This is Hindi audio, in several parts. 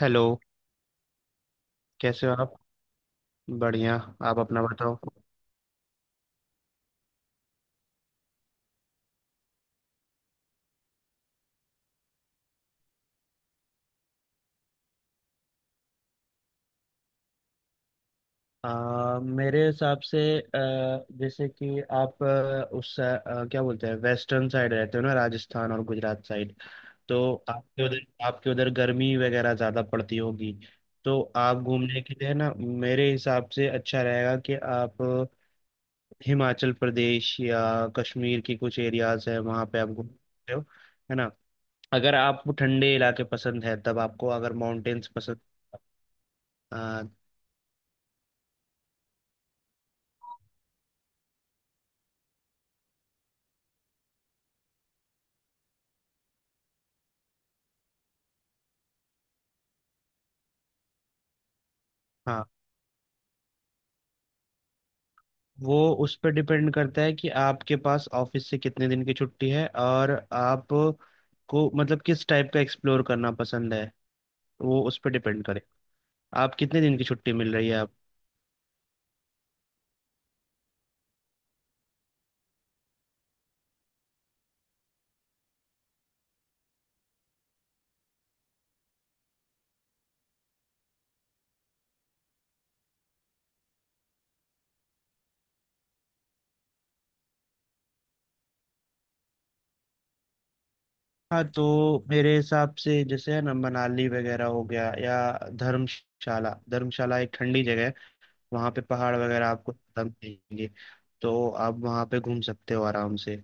हेलो। कैसे हो आप? बढ़िया। आप अपना बताओ। मेरे हिसाब से जैसे कि आप उस क्या बोलते हैं, वेस्टर्न साइड रहते हो ना, राजस्थान और गुजरात साइड। तो आपके उधर गर्मी वगैरह ज़्यादा पड़ती होगी। तो आप घूमने के लिए ना, मेरे हिसाब से अच्छा रहेगा कि आप हिमाचल प्रदेश या कश्मीर की कुछ एरियाज है, वहाँ पे आप घूम सकते हो, है ना। अगर आपको ठंडे इलाके पसंद है, तब आपको अगर माउंटेन्स पसंद। हाँ, वो उस पर डिपेंड करता है कि आपके पास ऑफिस से कितने दिन की छुट्टी है, और आप को मतलब किस टाइप का एक्सप्लोर करना पसंद है। वो उस पर डिपेंड करे। आप कितने दिन की छुट्टी मिल रही है आप। हाँ तो मेरे हिसाब से, जैसे है ना, मनाली वगैरह हो गया, या धर्मशाला धर्मशाला एक ठंडी जगह है। वहाँ पे पहाड़ वगैरह आपको खत्म देंगे। तो आप वहाँ पे घूम सकते हो आराम से।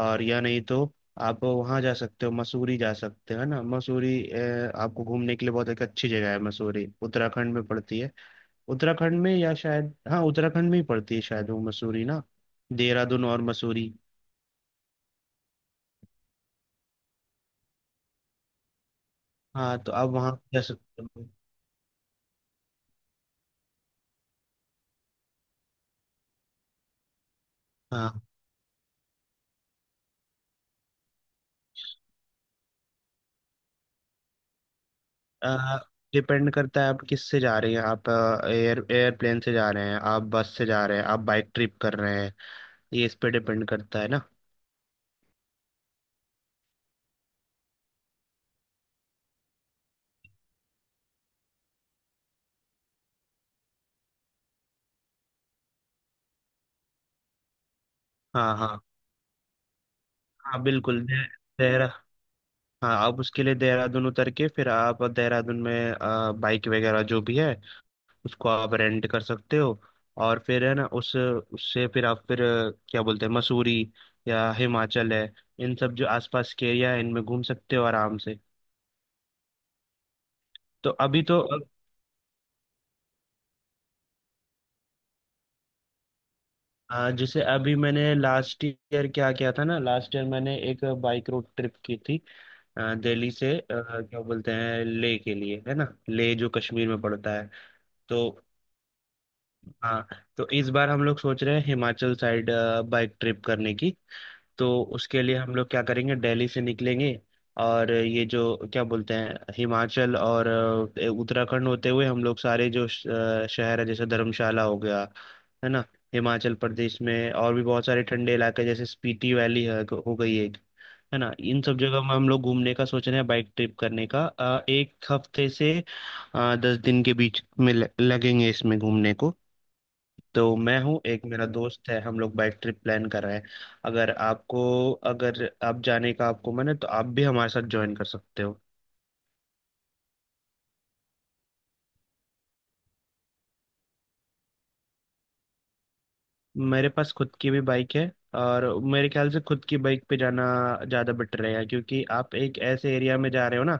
और या नहीं तो आप वहाँ जा सकते हो, मसूरी जा सकते हो, है ना। मसूरी आपको घूमने के लिए बहुत एक अच्छी जगह है, मसूरी उत्तराखंड में पड़ती है। उत्तराखंड में या शायद, हाँ उत्तराखंड में ही पड़ती है शायद, वो मसूरी ना। देहरादून और मसूरी। हाँ तो आप वहाँ जा सकते हो। हाँ, डिपेंड करता है आप किस से जा रहे हैं, आप एयरप्लेन से जा रहे हैं, आप बस से जा रहे हैं, आप बाइक ट्रिप कर रहे हैं, ये इस पे डिपेंड करता है ना। हाँ हाँ। हाँ बिल्कुल। दे, देहरा हाँ आप उसके लिए देहरादून उतर के फिर आप देहरादून में बाइक वगैरह जो भी है, उसको आप रेंट कर सकते हो। और फिर है ना, उस उससे फिर आप फिर क्या बोलते हैं, मसूरी या हिमाचल है, इन सब जो आसपास के एरिया है, इनमें घूम सकते हो आराम से। तो अभी तो अब। हाँ, जैसे अभी मैंने लास्ट ईयर क्या किया था ना, लास्ट ईयर मैंने एक बाइक रोड ट्रिप की थी, दिल्ली से क्या बोलते हैं, लेह के लिए, है ना, लेह जो कश्मीर में पड़ता है। तो। हाँ तो इस बार हम लोग सोच रहे हैं हिमाचल साइड बाइक ट्रिप करने की। तो उसके लिए हम लोग क्या करेंगे, दिल्ली से निकलेंगे। और ये जो क्या बोलते हैं, हिमाचल और उत्तराखंड होते हुए, हम लोग सारे जो शहर है, जैसे धर्मशाला हो गया, है ना। हिमाचल प्रदेश में और भी बहुत सारे ठंडे इलाके, जैसे स्पीति वैली है हो गई एक, है ना। इन सब जगह में हम लोग घूमने का सोच रहे हैं, बाइक ट्रिप करने का एक हफ्ते से 10 दिन के बीच में लगेंगे इसमें घूमने को। तो मैं हूँ, एक मेरा दोस्त है, हम लोग बाइक ट्रिप प्लान कर रहे हैं। अगर आपको अगर आप जाने का आपको मन है तो आप भी हमारे साथ ज्वाइन कर सकते हो। मेरे पास खुद की भी बाइक है। और मेरे ख्याल से खुद की बाइक पे जाना ज़्यादा बेटर रहेगा, क्योंकि आप एक ऐसे एरिया में जा रहे हो ना,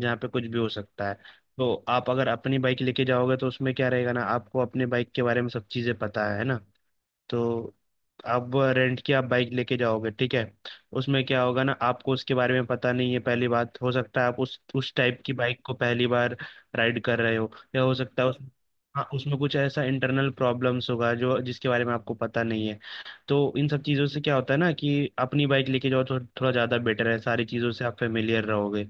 जहाँ पे कुछ भी हो सकता है। तो आप अगर अपनी बाइक लेके जाओगे तो उसमें क्या रहेगा ना, आपको अपने बाइक के बारे में सब चीज़ें पता है ना। तो अब रेंट की आप बाइक लेके जाओगे, ठीक है, उसमें क्या होगा ना, आपको उसके बारे में पता नहीं है। पहली बात, हो सकता है आप उस टाइप की बाइक को पहली बार राइड कर रहे हो, या हो सकता है उस, हाँ उसमें कुछ ऐसा इंटरनल प्रॉब्लम्स होगा जो जिसके बारे में आपको पता नहीं है। तो इन सब चीज़ों से क्या होता है ना, कि अपनी बाइक लेके जाओ तो थोड़ा ज़्यादा बेटर है, सारी चीज़ों से आप फेमिलियर रहोगे।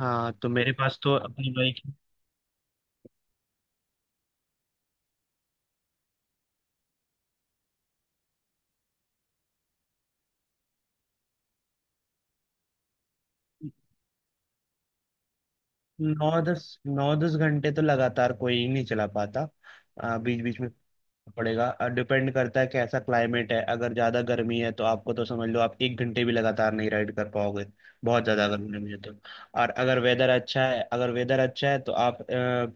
हाँ तो मेरे पास तो अपनी बाइक। नौ दस घंटे तो लगातार कोई नहीं चला पाता। बीच बीच में पड़ेगा। डिपेंड करता है कैसा क्लाइमेट है। अगर ज़्यादा गर्मी है तो आपको तो समझ लो आप 1 घंटे भी लगातार नहीं राइड कर पाओगे। बहुत ज़्यादा अगर गर्मी है तो। और अगर वेदर अच्छा है तो आप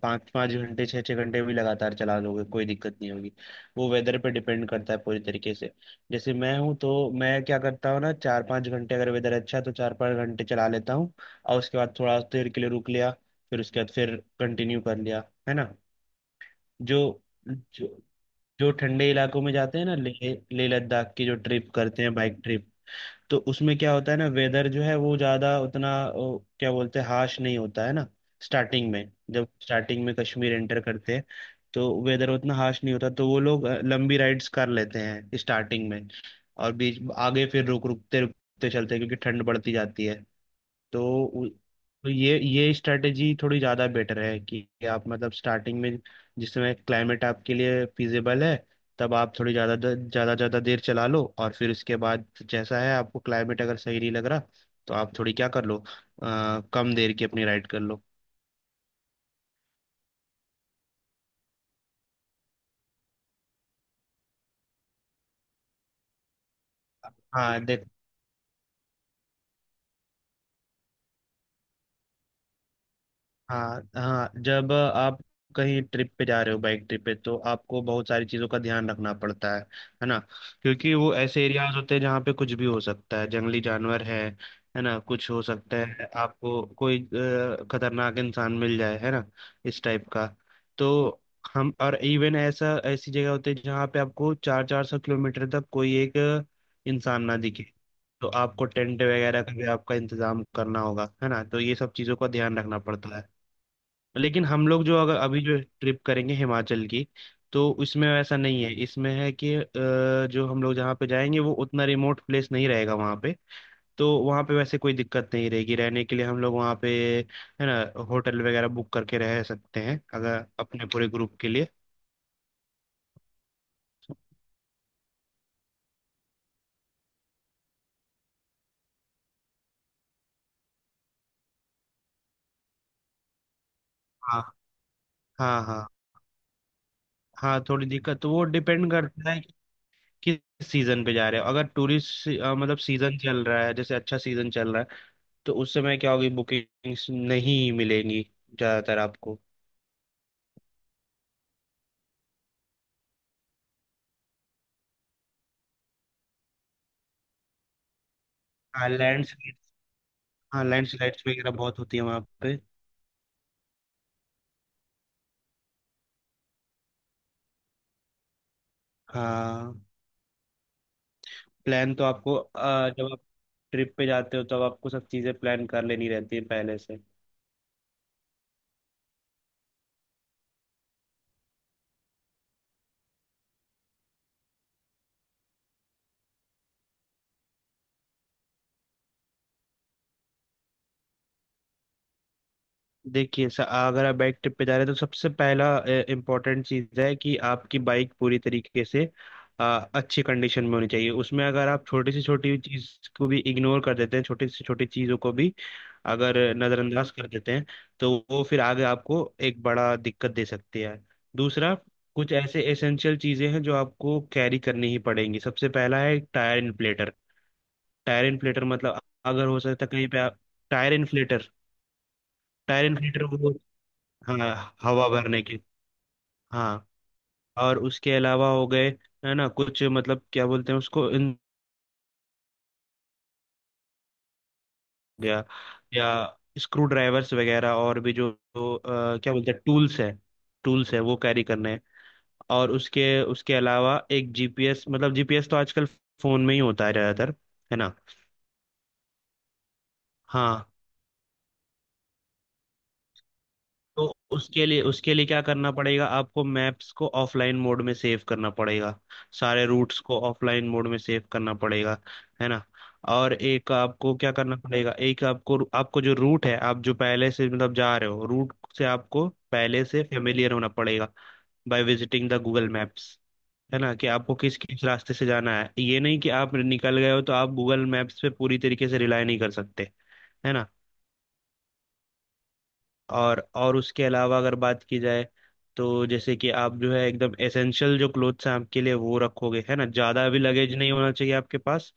पाँच पाँच घंटे छः छः घंटे भी लगातार चला लोगे, कोई दिक्कत नहीं होगी। वो वेदर पे डिपेंड करता है पूरी तरीके से। जैसे मैं हूँ तो मैं क्या करता हूँ ना, 4-5 घंटे, अगर वेदर अच्छा है तो 4-5 घंटे चला लेता हूँ। और उसके बाद थोड़ा देर के लिए रुक लिया। फिर उसके बाद फिर कंटिन्यू कर लिया, है ना। जो जो जो ठंडे इलाकों में जाते हैं ना, ले ले लद्दाख की जो ट्रिप करते हैं बाइक ट्रिप। तो उसमें क्या होता है ना, वेदर जो है वो ज़्यादा उतना क्या बोलते हैं, हाश नहीं होता है ना। स्टार्टिंग में जब स्टार्टिंग में कश्मीर एंटर करते हैं, तो वेदर उतना हाश नहीं होता, तो वो लोग लंबी राइड्स कर लेते हैं स्टार्टिंग में। और बीच आगे फिर रुकते रुकते चलते हैं, क्योंकि ठंड बढ़ती जाती है। तो उ- तो ये स्ट्रेटेजी थोड़ी ज़्यादा बेटर है कि आप मतलब स्टार्टिंग में, जिस समय क्लाइमेट आपके लिए फिजिबल है, तब आप थोड़ी ज़्यादा ज़्यादा ज़्यादा देर चला लो। और फिर उसके बाद जैसा है आपको क्लाइमेट अगर सही नहीं लग रहा, तो आप थोड़ी क्या कर लो, कम देर की अपनी राइड कर लो। हाँ हाँ। हाँ जब आप कहीं ट्रिप पे जा रहे हो, बाइक ट्रिप पे, तो आपको बहुत सारी चीज़ों का ध्यान रखना पड़ता है ना। क्योंकि वो ऐसे एरियाज होते हैं जहाँ पे कुछ भी हो सकता है, जंगली जानवर है ना, कुछ हो सकता है, आपको कोई खतरनाक इंसान मिल जाए, है ना, इस टाइप का। तो हम और इवन ऐसा ऐसी जगह होती है जहाँ पे आपको चार चार सौ किलोमीटर तक कोई एक इंसान ना दिखे। तो आपको टेंट वगैरह का भी आपका इंतजाम करना होगा, है ना। तो ये सब चीज़ों का ध्यान रखना पड़ता है। लेकिन हम लोग जो अगर अभी जो ट्रिप करेंगे हिमाचल की, तो उसमें ऐसा नहीं है, इसमें है कि जो हम लोग जहाँ पे जाएंगे वो उतना रिमोट प्लेस नहीं रहेगा वहाँ पे। तो वहाँ पे वैसे कोई दिक्कत नहीं रहेगी रहने के लिए। हम लोग वहाँ पे, है ना, होटल वगैरह बुक करके रह सकते हैं अगर अपने पूरे ग्रुप के लिए। हाँ हाँ। हाँ हाँ, थोड़ी दिक्कत तो वो डिपेंड करता है कि किस सीजन पे जा रहे हो। अगर टूरिस्ट मतलब सीजन चल रहा है, जैसे अच्छा सीजन चल रहा है, तो उस समय क्या होगी, बुकिंग्स नहीं मिलेंगी ज्यादातर आपको। हाँ लैंडस्लाइड हाँ लैंडस्लाइड्स वगैरह बहुत होती है वहाँ पे। हाँ। प्लान तो आपको जब आप ट्रिप पे जाते हो, तब आपको सब चीज़ें प्लान कर लेनी रहती है पहले से। देखिए, अगर आप बाइक ट्रिप पे जा रहे हैं तो सबसे पहला इम्पोर्टेंट चीज़ है कि आपकी बाइक पूरी तरीके से अ, अच्छी कंडीशन में होनी चाहिए। उसमें अगर आप छोटी से छोटी चीज़ को भी इग्नोर कर देते हैं, छोटी से छोटी चीज़ों को भी अगर नज़रअंदाज कर देते हैं, तो वो फिर आगे आपको एक बड़ा दिक्कत दे सकती है। दूसरा, कुछ ऐसे एसेंशियल चीज़ें हैं जो आपको कैरी करनी ही पड़ेंगी। सबसे पहला है टायर इन्फ्लेटर। टायर इन्फ्लेटर मतलब, अगर हो सकता है कहीं पे आप, टायर इन्फ्लेटर। टायर इन्फ्लेटर वो। हाँ, हवा भरने की। हाँ। और उसके अलावा हो गए, है ना, कुछ मतलब क्या बोलते हैं उसको, इन हो गया या स्क्रू ड्राइवर्स वगैरह, और भी जो जो, अ, क्या बोलते हैं, टूल्स है वो कैरी करने हैं। और उसके उसके अलावा एक जीपीएस, मतलब जीपीएस तो आजकल फोन में ही होता है ज्यादातर, है ना। हाँ तो उसके लिए क्या करना पड़ेगा, आपको मैप्स को ऑफलाइन मोड में सेव करना पड़ेगा। सारे रूट्स को ऑफलाइन मोड में सेव करना पड़ेगा, है ना। और एक आपको क्या करना पड़ेगा, एक आपको, जो रूट है, आप जो पहले से मतलब जा रहे हो रूट से, आपको पहले से फेमिलियर होना पड़ेगा, by visiting the Google maps. है ना, कि आपको किस किस रास्ते से जाना है, ये नहीं कि आप निकल गए हो तो आप गूगल मैप्स पे पूरी तरीके से रिलाई नहीं कर सकते, है ना। और उसके अलावा अगर बात की जाए, तो जैसे कि आप जो है एकदम एसेंशियल जो क्लोथ्स हैं आपके लिए वो रखोगे, है ना, ज़्यादा भी लगेज नहीं होना चाहिए आपके पास।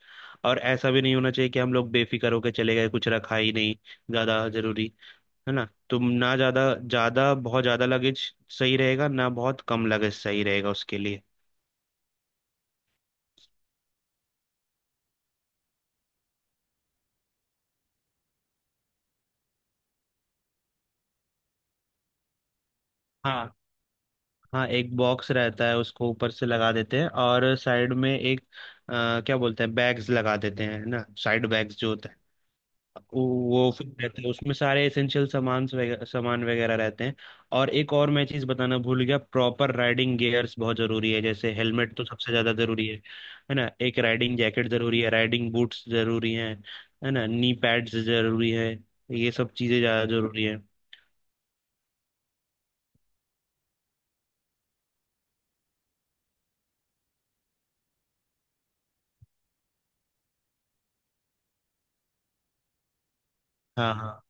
और ऐसा भी नहीं होना चाहिए कि हम लोग बेफिक्र होकर चले गए, कुछ रखा ही नहीं, ज़्यादा ज़रूरी, है ना। तो ना ज़्यादा ज़्यादा बहुत ज़्यादा लगेज सही रहेगा ना, बहुत कम लगेज सही रहेगा उसके लिए। हाँ हाँ। एक बॉक्स रहता है, उसको ऊपर से लगा देते हैं, और साइड में एक क्या बोलते हैं, बैग्स लगा देते हैं, है ना, साइड बैग्स जो होते हैं। वो फिर रहते हैं, उसमें सारे एसेंशियल सामान वगैरह रहते हैं। और एक और मैं चीज़ बताना भूल गया, प्रॉपर राइडिंग गियर्स बहुत ज़रूरी है, जैसे हेलमेट तो सबसे ज़्यादा ज़रूरी है ना। एक राइडिंग जैकेट ज़रूरी है, राइडिंग बूट्स ज़रूरी हैं, है ना, नी पैड्स ज़रूरी है, ये सब चीज़ें ज़्यादा ज़रूरी है। हाँ हाँ।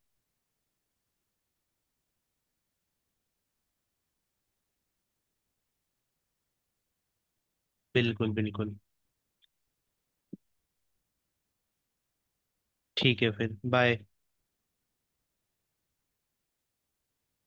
बिल्कुल बिल्कुल। ठीक है फिर बाय।